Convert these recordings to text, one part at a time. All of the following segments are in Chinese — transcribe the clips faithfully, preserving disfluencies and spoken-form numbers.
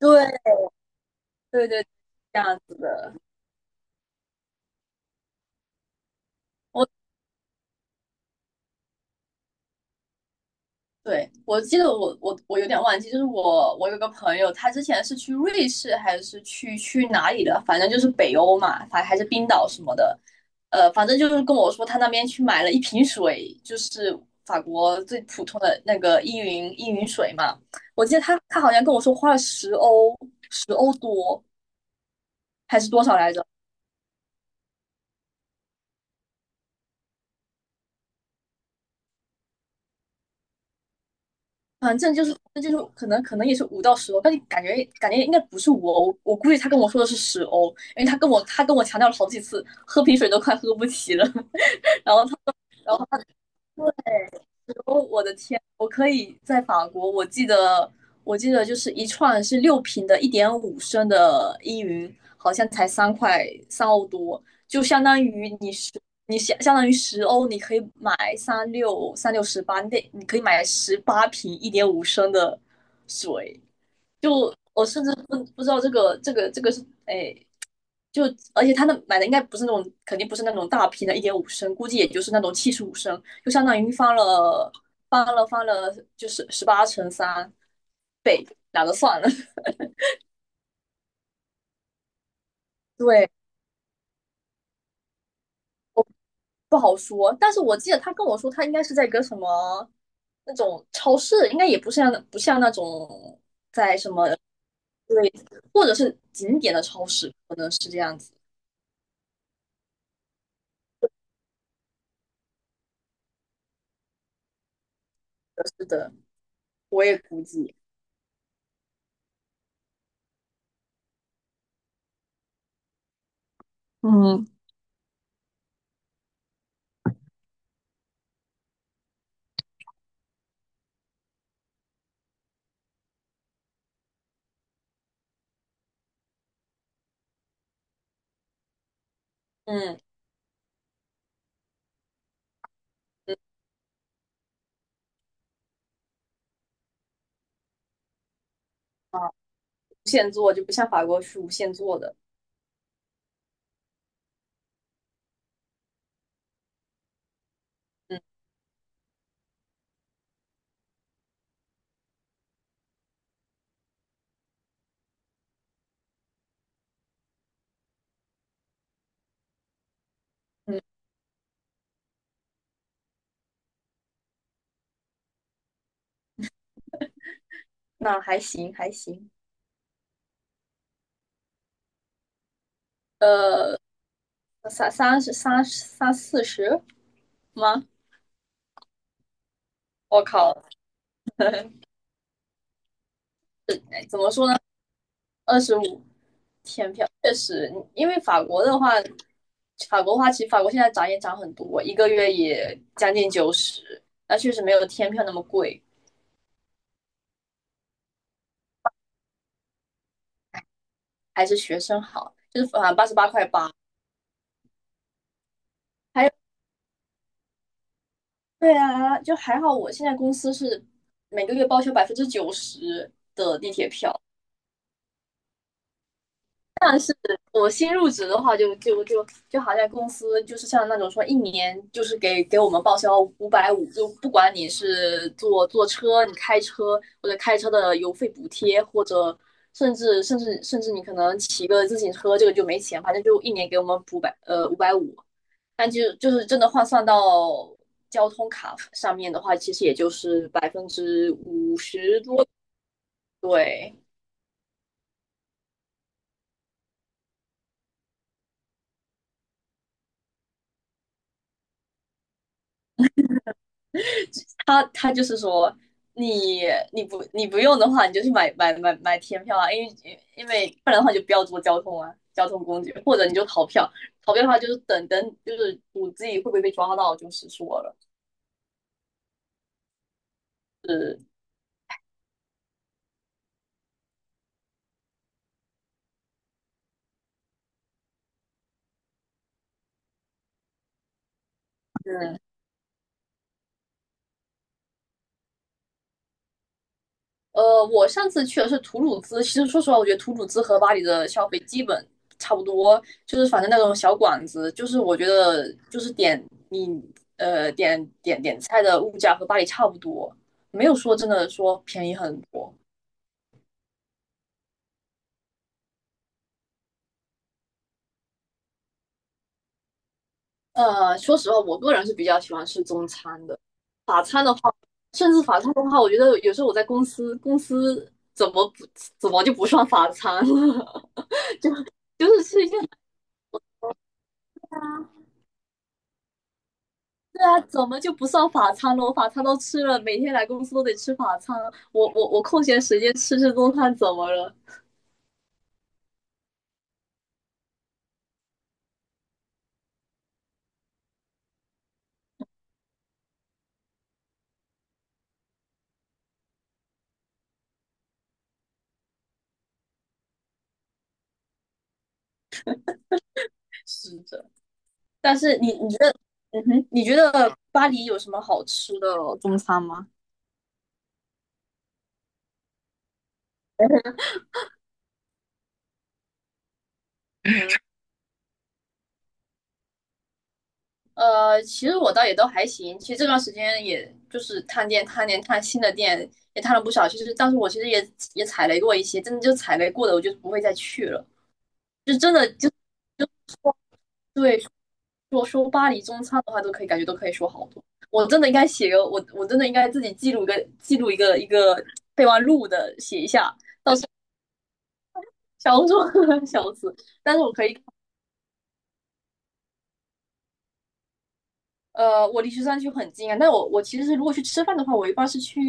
对对对，这样子的。我对，我记得我我我有点忘记，就是我我有个朋友，他之前是去瑞士还是去去哪里的，反正就是北欧嘛，反还是冰岛什么的，呃，反正就是跟我说他那边去买了一瓶水，就是法国最普通的那个依云依云水嘛。我记得他他好像跟我说花了十欧十欧多还是多少来着？反正就是那就是可能可能也是五到十欧，但是感觉感觉应该不是五欧，我估计他跟我说的是十欧，因为他跟我他跟我强调了好几次，喝瓶水都快喝不起了。然后他然后说我的天，我可以在法国，我记得我记得就是一串是六瓶的一点五升的依云，好像才三块三欧多，就相当于你十你相相当于十欧，你可以买三六三六十八，你得你可以买十八瓶一点五升的水。就我甚至不不知道这个这个这个是哎，就而且他那买的应该不是那种，肯定不是那种大瓶的，一点五升，估计也就是那种七十五升，就相当于翻了翻了翻了，就是十八乘三倍，懒得算了，对，不好说。但是我记得他跟我说，他应该是在一个什么那种超市，应该也不像不像那种在什么对，或者是景点的超市，可能是这样子。是的，我也估计。嗯，嗯嗯啊，无限做就不像法国是无限做的，嗯，嗯，那还行还行，那三三十三十三四十吗？我靠，哎怎么说呢？二十五天票确实，因为法国的话，法国的话其实法国现在涨也涨很多，一个月也将近九十，那确实没有天票那么贵，还是学生好，就是反正八十八块八。还有对啊，就还好我现在公司是每个月报销百分之九十。我新入职的话就，就就就就好像公司就是像那种说一年就是给给我们报销五百五，就不管你是坐坐车、你开车或者开车的油费补贴，或者甚至甚至甚至你可能骑个自行车，这个就没钱，反正就一年给我们补百呃五百五。但就就是真的换算到交通卡上面的话，其实也就是百分之五十多，对。他他就是说，你你不你不用的话，你就去买买买买天票啊，因为因为不然的话就不要坐交通啊，交通工具，或者你就逃票，逃票的话就是等等，就是赌自己会不会被抓到，就是说了，是嗯，呃，我上次去的是图鲁兹，其实说实话，我觉得图鲁兹和巴黎的消费基本差不多，就是反正那种小馆子，就是我觉得就是点你呃点点点菜的物价和巴黎差不多，没有说真的说便宜很多。呃，说实话，我个人是比较喜欢吃中餐的。法餐的话，甚至法餐的话，我觉得有时候我在公司，公司怎么不怎么就不算法餐了？就是吃一些，对啊，怎么就不算法餐了？我法餐都吃了，每天来公司都得吃法餐。我我我空闲时间吃吃中餐怎么了？是的。但是你你觉得，嗯哼，你觉得巴黎有什么好吃的中餐吗？呃，其实我倒也都还行。其实这段时间也就是探店、探店、探新的店，也探了不少。其实，但是我其实也也踩雷过一些，真的就踩雷过的，我就不会再去了。就真的就对，说说巴黎中餐的话，都可以感觉都可以说好多。我真的应该写个我，我真的应该自己记录个记录一个一个备忘录的，写一下小红书 笑死。但是我可以呃，我离十三区很近啊，但我我其实是如果去吃饭的话，我一般是去，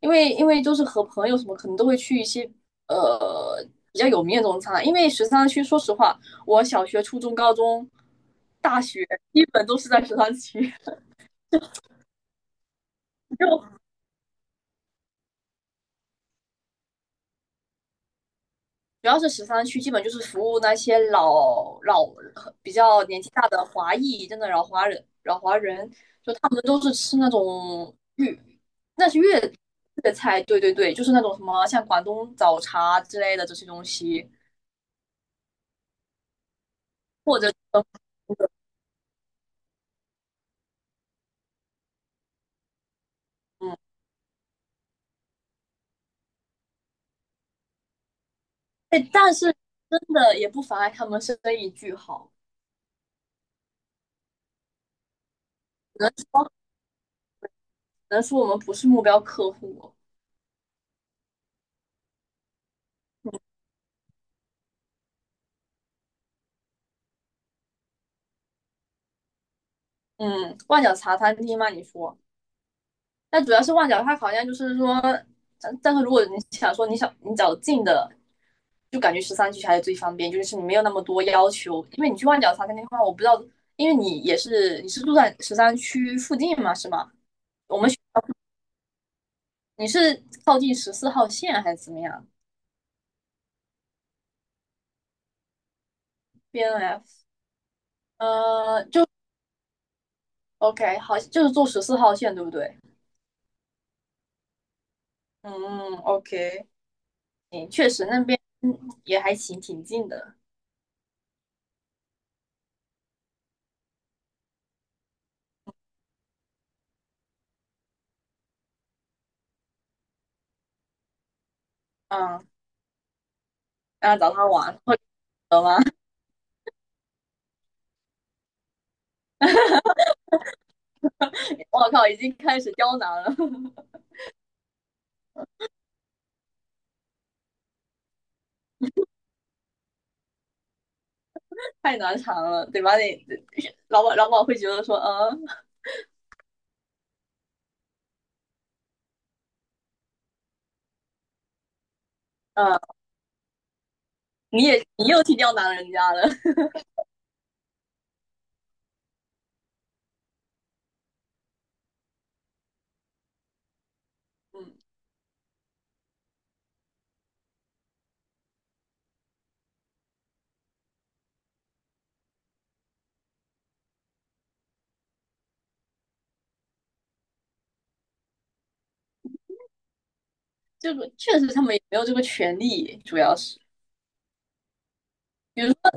因为因为就是和朋友什么，可能都会去一些呃比较有名的中餐啊。因为十三区，说实话，我小学、初中、高中、大学基本都是在十三区，就主要是十三区，基本就是服务那些老老比较年纪大的华裔，真的老华人，老华人。我们都是吃那种粤，那是粤粤菜，对对对，就是那种什么像广东早茶之类的这些东西。嗯，哎，但是真的也不妨碍他们生意巨好，只能说只能说我们不是目标客户。嗯，万脚茶餐厅吗？你说。那主要是旺角，它好像就是说，但但是如果你想说你想你找近的，就感觉十三区还是最方便，就是你没有那么多要求，因为你去旺角茶餐厅的话，我不知道，因为你也是你是住在十三区附近嘛，是吗？你是靠近十四号线还是怎么样？B N F，呃，就 OK，好，就是坐十四号线对不对？嗯，OK，行，确实那边也还行，挺近的，嗯，然后找他玩，我靠，已经开始刁难了。太难缠了，对吧？你老板老板会觉得说，嗯嗯，你也你又替刁难人家了，嗯，这个确实他们也没有这个权利，主要是比如说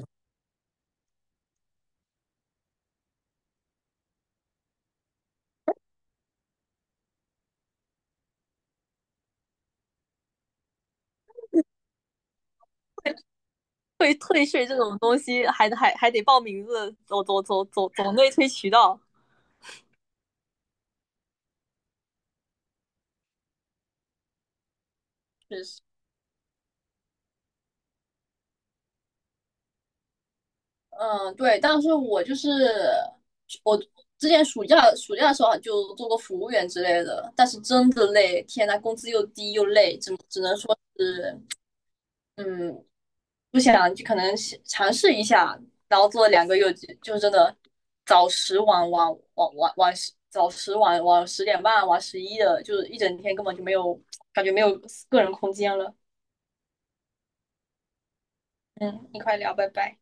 退退税这种东西，还还还得报名字，走走走走走内推渠道，确实，嗯对，但是我就是我之前暑假暑假的时候就做过服务员之类的，但是真的累，天呐，工资又低又累，只只能说是嗯不想就可能尝试一下，然后做了两个月就就真的早十晚晚晚晚晚十早十晚晚十点半晚十一的，就是一整天根本就没有感觉没有个人空间了。嗯，你快聊，拜拜。